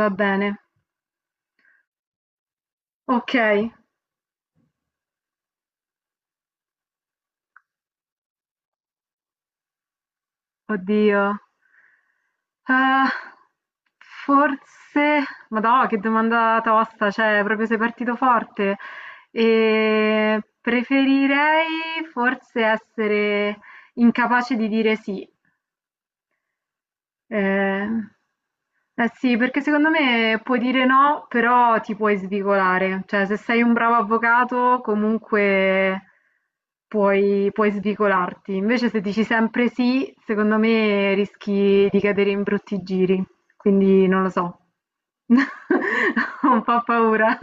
Va bene, okay. Oddio. Uhm, forse madò, che domanda tosta, cioè proprio sei partito forte. Preferirei forse essere incapace di dire sì. Eh, eh sì, perché secondo me puoi dire no, però ti puoi svicolare. Cioè, se sei un bravo avvocato, comunque puoi svicolarti. Invece, se dici sempre sì, secondo me rischi di cadere in brutti giri. Quindi non lo so. Ho un po' paura.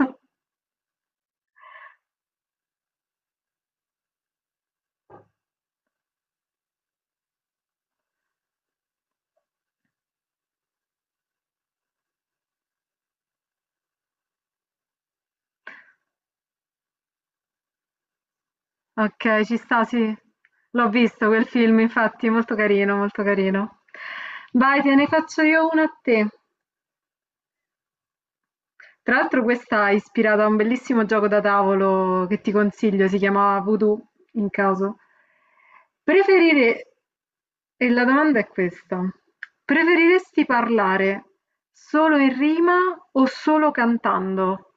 Ok, ci sta, sì. L'ho visto quel film, infatti, molto carino, molto carino. Vai, te ne faccio io una a te. Tra l'altro questa è ispirata a un bellissimo gioco da tavolo che ti consiglio, si chiamava Voodoo, in caso. Preferire... E la domanda è questa. Preferiresti parlare solo in rima o solo cantando?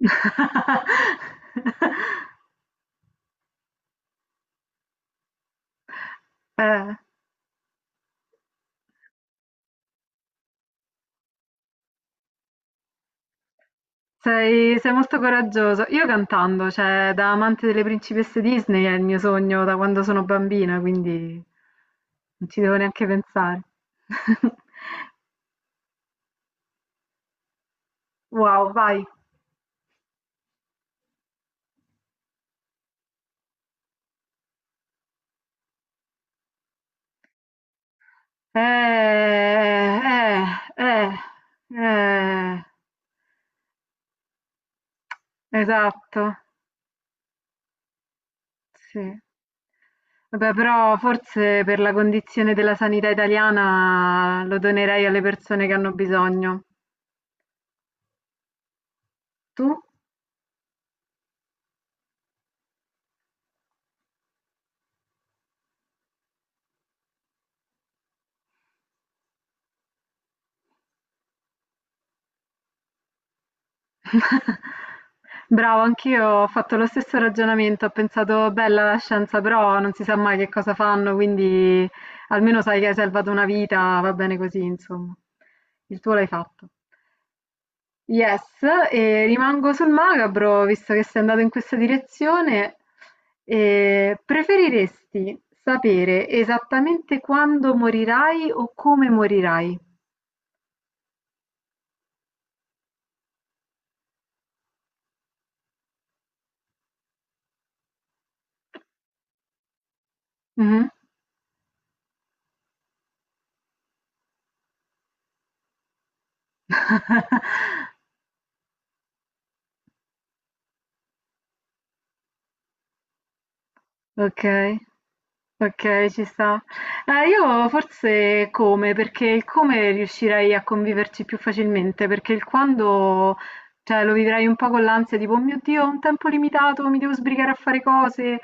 Eh. Sei molto coraggioso. Io cantando, cioè da amante delle principesse Disney è il mio sogno da quando sono bambina, quindi non ci devo neanche pensare. Wow, vai. Eh, eh, eh, eh, esatto, sì. Vabbè, però forse per la condizione della sanità italiana lo donerei alle persone che hanno bisogno. Tu? Bravo, anch'io ho fatto lo stesso ragionamento, ho pensato bella la scienza, però non si sa mai che cosa fanno, quindi almeno sai che hai salvato una vita, va bene così, insomma. Il tuo l'hai fatto. Yes, e rimango sul macabro, visto che sei andato in questa direzione, e preferiresti sapere esattamente quando morirai o come morirai? Mhm. Okay. Okay, ci sta. Io forse come, perché il come riuscirei a conviverci più facilmente, perché il quando, cioè, lo vivrei un po' con l'ansia, tipo, "Oh mio Dio, ho un tempo limitato, mi devo sbrigare a fare cose".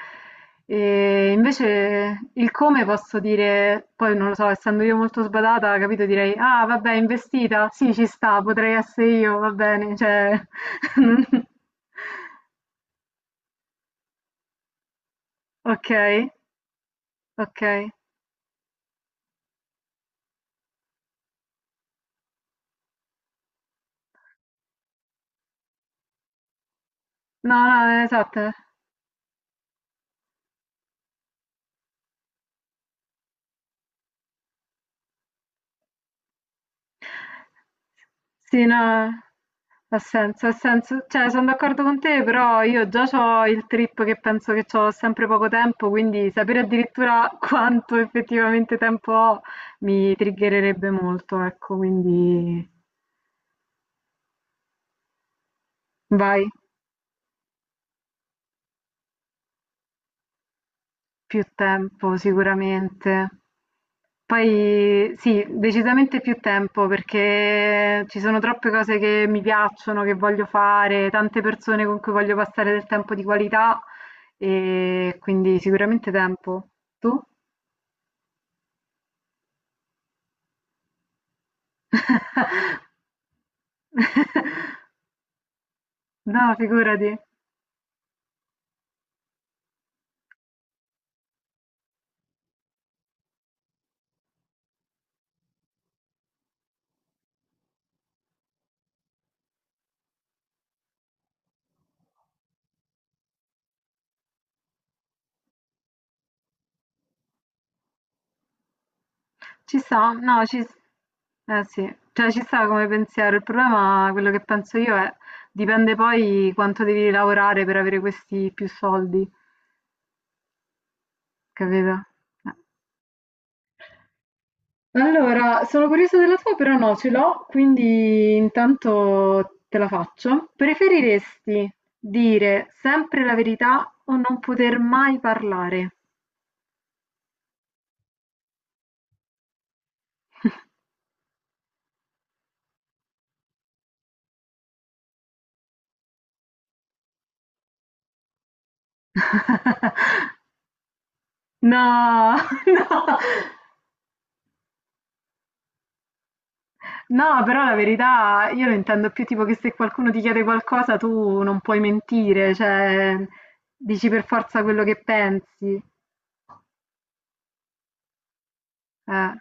E invece il come posso dire, poi non lo so, essendo io molto sbadata, capito, direi: "Ah, vabbè, investita? Sì, ci sta, potrei essere io, va bene", cioè Okay, okay. No, no, esatto. Sì, no, ha senso, ha senso. Cioè, sono d'accordo con te, però io già ho il trip che penso che ho sempre poco tempo, quindi sapere addirittura quanto effettivamente tempo ho mi triggererebbe molto, ecco, quindi vai. Più tempo sicuramente. Poi sì, decisamente più tempo perché ci sono troppe cose che mi piacciono, che voglio fare, tante persone con cui voglio passare del tempo di qualità e quindi sicuramente tempo. Tu? No, figurati. Ci sta, no, ci, s- eh sì, cioè ci sta come pensiero. Il problema, quello che penso io è, dipende poi quanto devi lavorare per avere questi più soldi, capito? Eh. Allora, sono curiosa della tua, però no, ce l'ho, quindi intanto te la faccio. Preferiresti dire sempre la verità o non poter mai parlare? No, no. No, però la verità io lo intendo più tipo che se qualcuno ti chiede qualcosa tu non puoi mentire, cioè dici per forza quello che pensi. Eh,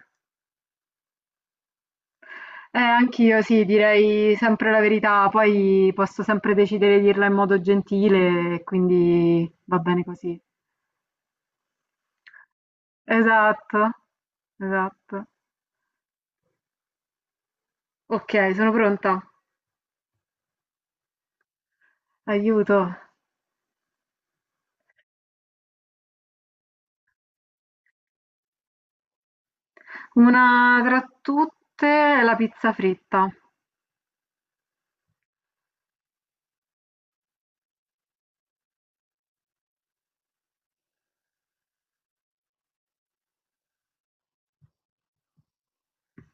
Anch'io sì, direi sempre la verità, poi posso sempre decidere di dirla in modo gentile, e quindi va bene così. Esatto, esatto. Ok, sono pronta. Aiuto. Una tra tutte è la pizza fritta.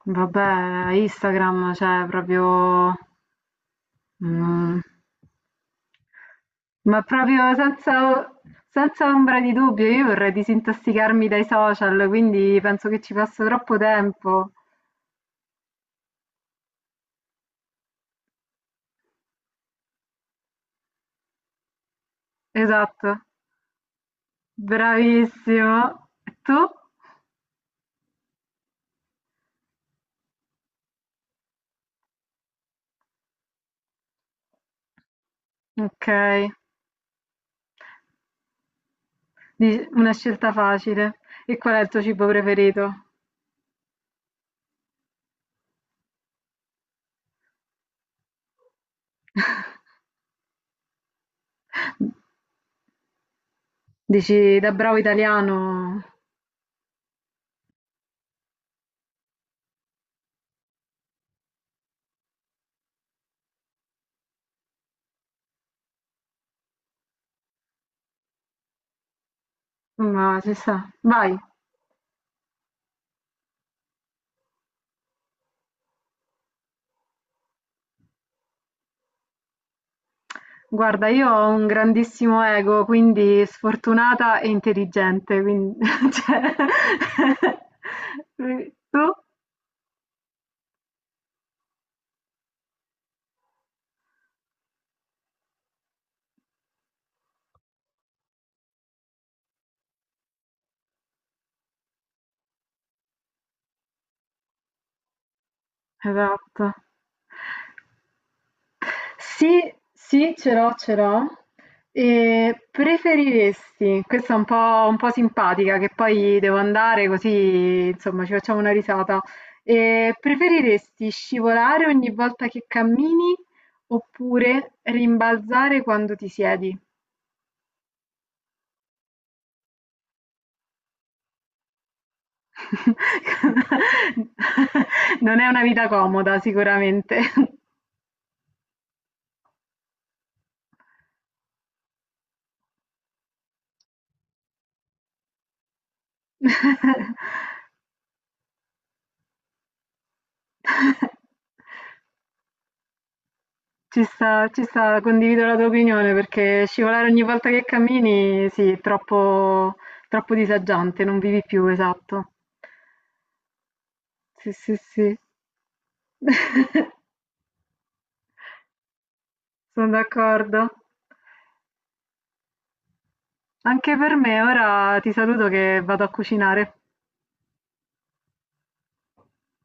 Vabbè, Instagram, cioè proprio... Mhmm, ma proprio senza ombra di dubbio, io vorrei disintossicarmi dai social, quindi penso che ci passo troppo tempo. Esatto, bravissimo. E tu? Okay, dici una scelta facile. E qual è il tuo cibo preferito? Dici da bravo italiano, ma ci sta. Vai. Guarda, io ho un grandissimo ego, quindi sfortunata e intelligente, quindi cioè, tu? Esatto. Sì, sì, ce l'ho, ce l'ho. E preferiresti, questa è un po' simpatica, che poi devo andare così, insomma, ci facciamo una risata. E preferiresti scivolare ogni volta che cammini oppure rimbalzare quando ti siedi? Non è una vita comoda sicuramente. Ci sta, condivido la tua opinione perché scivolare ogni volta che cammini, sì, è troppo, troppo disagiante, non vivi più, esatto. Sì, sì, sì. Sono d'accordo. Anche per me, ora ti saluto che vado a cucinare.